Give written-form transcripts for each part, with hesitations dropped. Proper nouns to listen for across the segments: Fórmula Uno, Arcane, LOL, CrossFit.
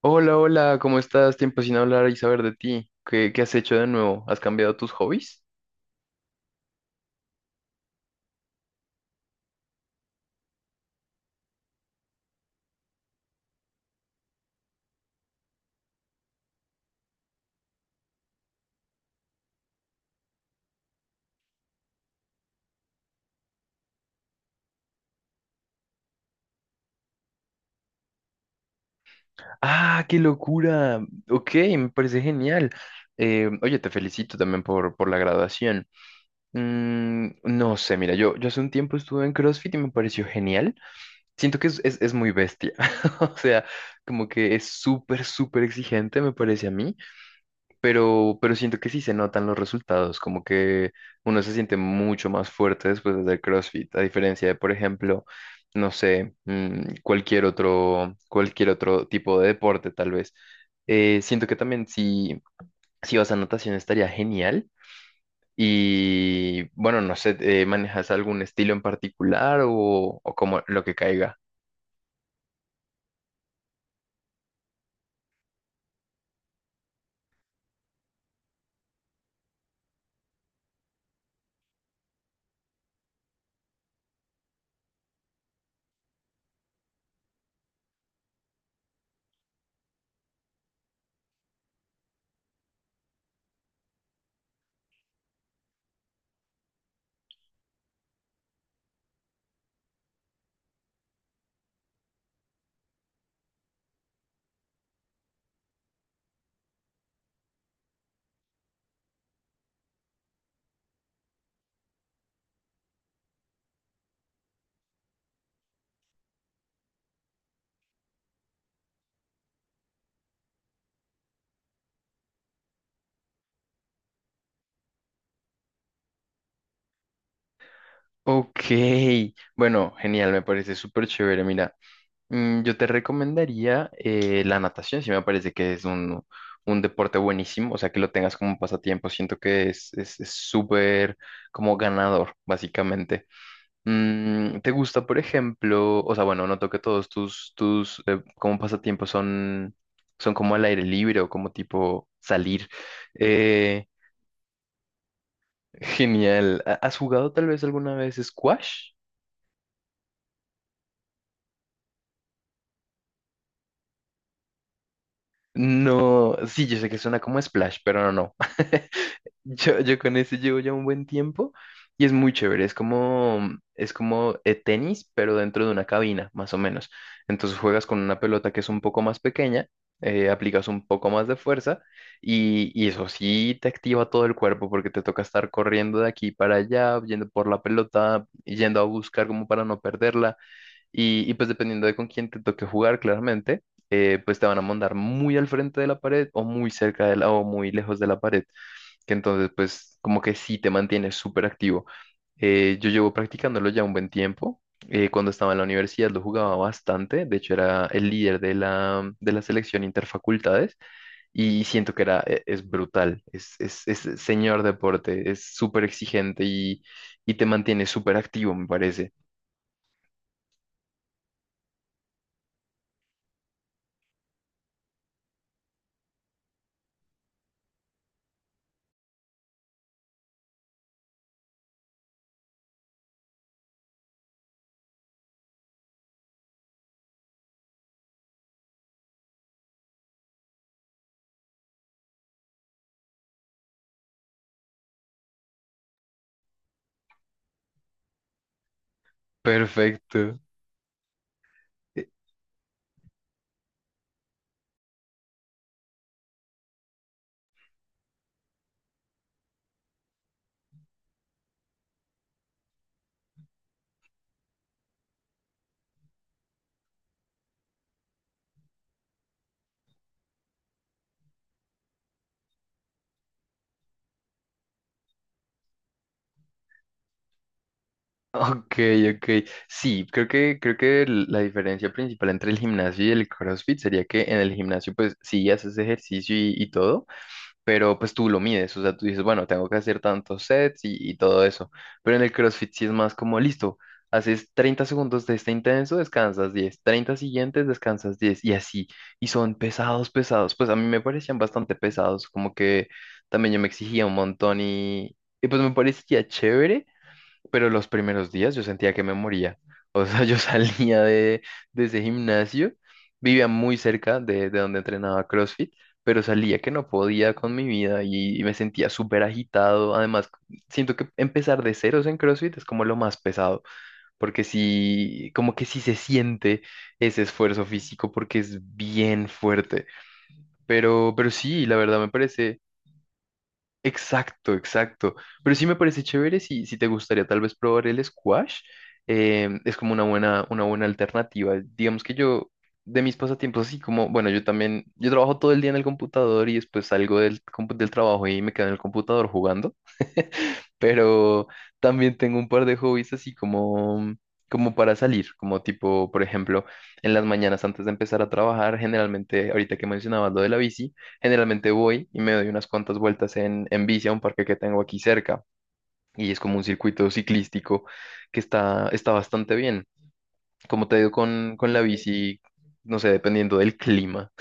Hola, hola, ¿cómo estás? Tiempo sin hablar y saber de ti. ¿Qué has hecho de nuevo? ¿Has cambiado tus hobbies? ¡Ah, qué locura! Ok, me parece genial. Oye, te felicito también por la graduación. No sé, mira, yo hace un tiempo estuve en CrossFit y me pareció genial. Siento que es muy bestia. O sea, como que es súper, súper exigente, me parece a mí. Pero siento que sí se notan los resultados, como que uno se siente mucho más fuerte después de hacer CrossFit, a diferencia de, por ejemplo, no sé, cualquier otro tipo de deporte, tal vez. Siento que también si, si vas a natación estaría genial. Y bueno, no sé, ¿manejas algún estilo en particular o como lo que caiga? Ok, bueno, genial, me parece súper chévere, mira. Yo te recomendaría la natación, si me parece que es un deporte buenísimo, o sea, que lo tengas como un pasatiempo, siento que es súper como ganador, básicamente. ¿Te gusta, por ejemplo, o sea, bueno, noto que todos tus como pasatiempos son como al aire libre o como tipo salir? Eh, Genial. ¿Has jugado tal vez alguna vez squash? No, sí, yo sé que suena como splash, pero no, no. Yo con ese llevo ya un buen tiempo y es muy chévere. Es como tenis, pero dentro de una cabina, más o menos. Entonces juegas con una pelota que es un poco más pequeña, aplicas un poco más de fuerza y eso sí te activa todo el cuerpo porque te toca estar corriendo de aquí para allá, yendo por la pelota, yendo a buscar como para no perderla. Y pues dependiendo de con quién te toque jugar, claramente, pues te van a mandar muy al frente de la pared o muy cerca de la o muy lejos de la pared que entonces pues como que sí te mantiene súper activo. Yo llevo practicándolo ya un buen tiempo. Cuando estaba en la universidad lo jugaba bastante, de hecho era el líder de la selección interfacultades y siento que es brutal, es señor deporte, es súper exigente y te mantiene súper activo, me parece. Perfecto. Ok, ok. Sí, creo que la diferencia principal entre el gimnasio y el CrossFit sería que en el gimnasio, pues sí haces ejercicio y todo, pero pues tú lo mides. O sea, tú dices, bueno, tengo que hacer tantos sets y todo eso. Pero en el CrossFit sí es más como, listo, haces 30 segundos de este intenso, descansas 10, 30 siguientes, descansas 10 y así. Y son pesados, pesados. Pues a mí me parecían bastante pesados, como que también yo me exigía un montón y pues me parecía chévere pero los primeros días yo sentía que me moría. O sea, yo salía de ese gimnasio, vivía muy cerca de donde entrenaba CrossFit, pero salía que no podía con mi vida y me sentía súper agitado. Además, siento que empezar de ceros en CrossFit es como lo más pesado, porque sí, como que sí se siente ese esfuerzo físico porque es bien fuerte. Pero sí, la verdad me parece... Exacto, exacto. Pero sí me parece chévere si, si te gustaría tal vez probar el squash. Es como una buena alternativa. Digamos que yo, de mis pasatiempos, así como, bueno, yo también, yo trabajo todo el día en el computador y después salgo del, del trabajo y me quedo en el computador jugando. Pero también tengo un par de hobbies así como, como para salir, como tipo, por ejemplo, en las mañanas antes de empezar a trabajar, generalmente, ahorita que mencionabas lo de la bici. Generalmente voy y me doy unas cuantas vueltas en bici a un parque que tengo aquí cerca y es como un circuito ciclístico que está, está bastante bien. Como te digo con la bici, no sé, dependiendo del clima.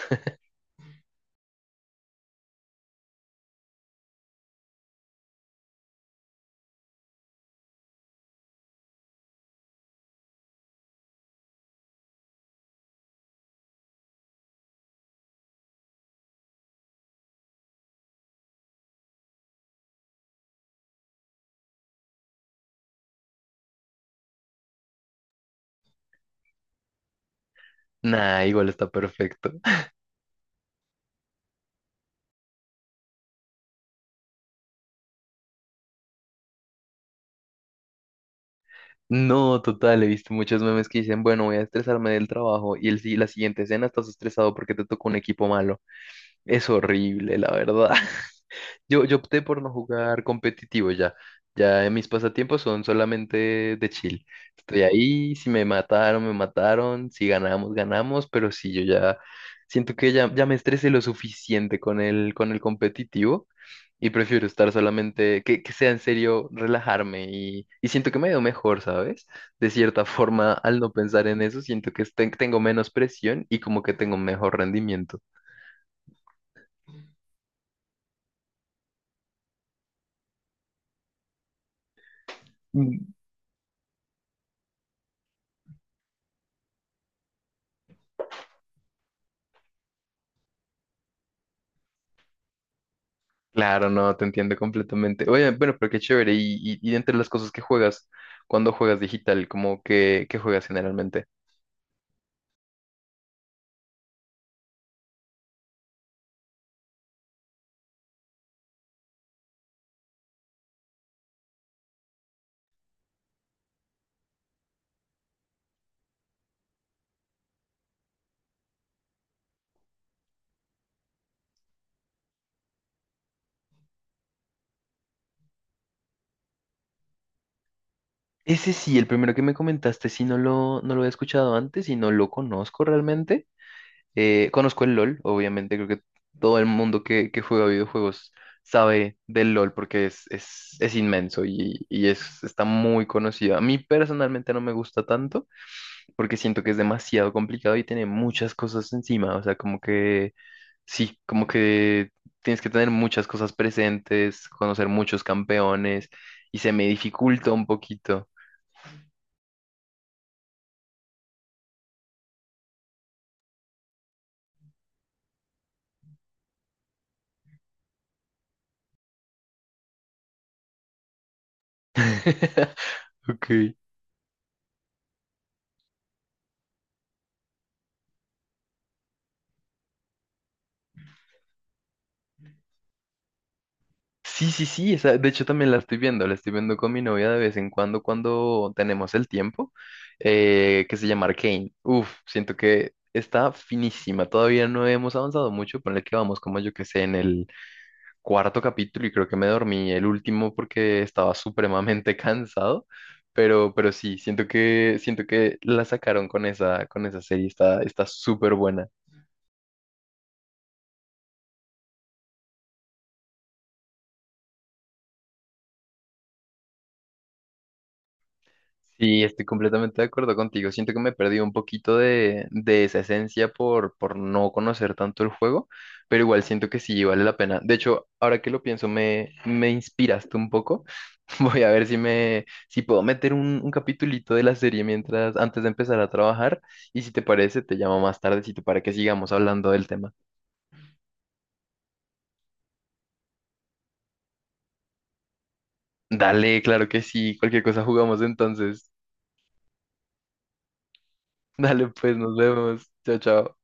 Nah, igual está perfecto. No, total, he visto muchos memes que dicen, bueno, voy a estresarme del trabajo y el, la siguiente escena estás estresado porque te tocó un equipo malo. Es horrible, la verdad. Yo opté por no jugar competitivo ya. Ya mis pasatiempos son solamente de chill. Estoy ahí, si me mataron, me mataron, si ganamos, ganamos, pero si yo ya siento que ya, ya me estresé lo suficiente con el competitivo y prefiero estar solamente, que sea en serio, relajarme y siento que me veo mejor, ¿sabes? De cierta forma, al no pensar en eso, siento que tengo menos presión y como que tengo un mejor rendimiento. Claro, no, te entiendo completamente. Oye, bueno, pero qué chévere. Y entre las cosas que juegas, cuando juegas digital, como que, ¿qué juegas generalmente? Ese sí, el primero que me comentaste, sí, no lo había escuchado antes y no lo conozco realmente. Conozco el LOL, obviamente, creo que todo el mundo que juega videojuegos sabe del LOL porque es inmenso y es, está muy conocido. A mí personalmente no me gusta tanto. Porque siento que es demasiado complicado y tiene muchas cosas encima, o sea, como que sí, como que tienes que tener muchas cosas presentes, conocer muchos campeones y se me dificulta un poquito. Ok. Sí, sí, sí, esa, de hecho también la estoy viendo con mi novia de vez en cuando cuando tenemos el tiempo, que se llama Arcane. Uf, siento que está finísima, todavía no hemos avanzado mucho, ponle que vamos como yo que sé en el cuarto capítulo y creo que me dormí el último porque estaba supremamente cansado, pero sí, siento que la sacaron con esa serie, está, está súper buena. Sí, estoy completamente de acuerdo contigo. Siento que me perdí un poquito de esa esencia por no conocer tanto el juego, pero igual siento que sí vale la pena. De hecho, ahora que lo pienso, me inspiraste un poco. Voy a ver si me, si puedo meter un capitulito de la serie mientras, antes de empezar a trabajar. Y si te parece, te llamo más tardecito para que sigamos hablando del tema. Dale, claro que sí. Cualquier cosa jugamos entonces. Dale, pues, nos vemos. Chao, chao.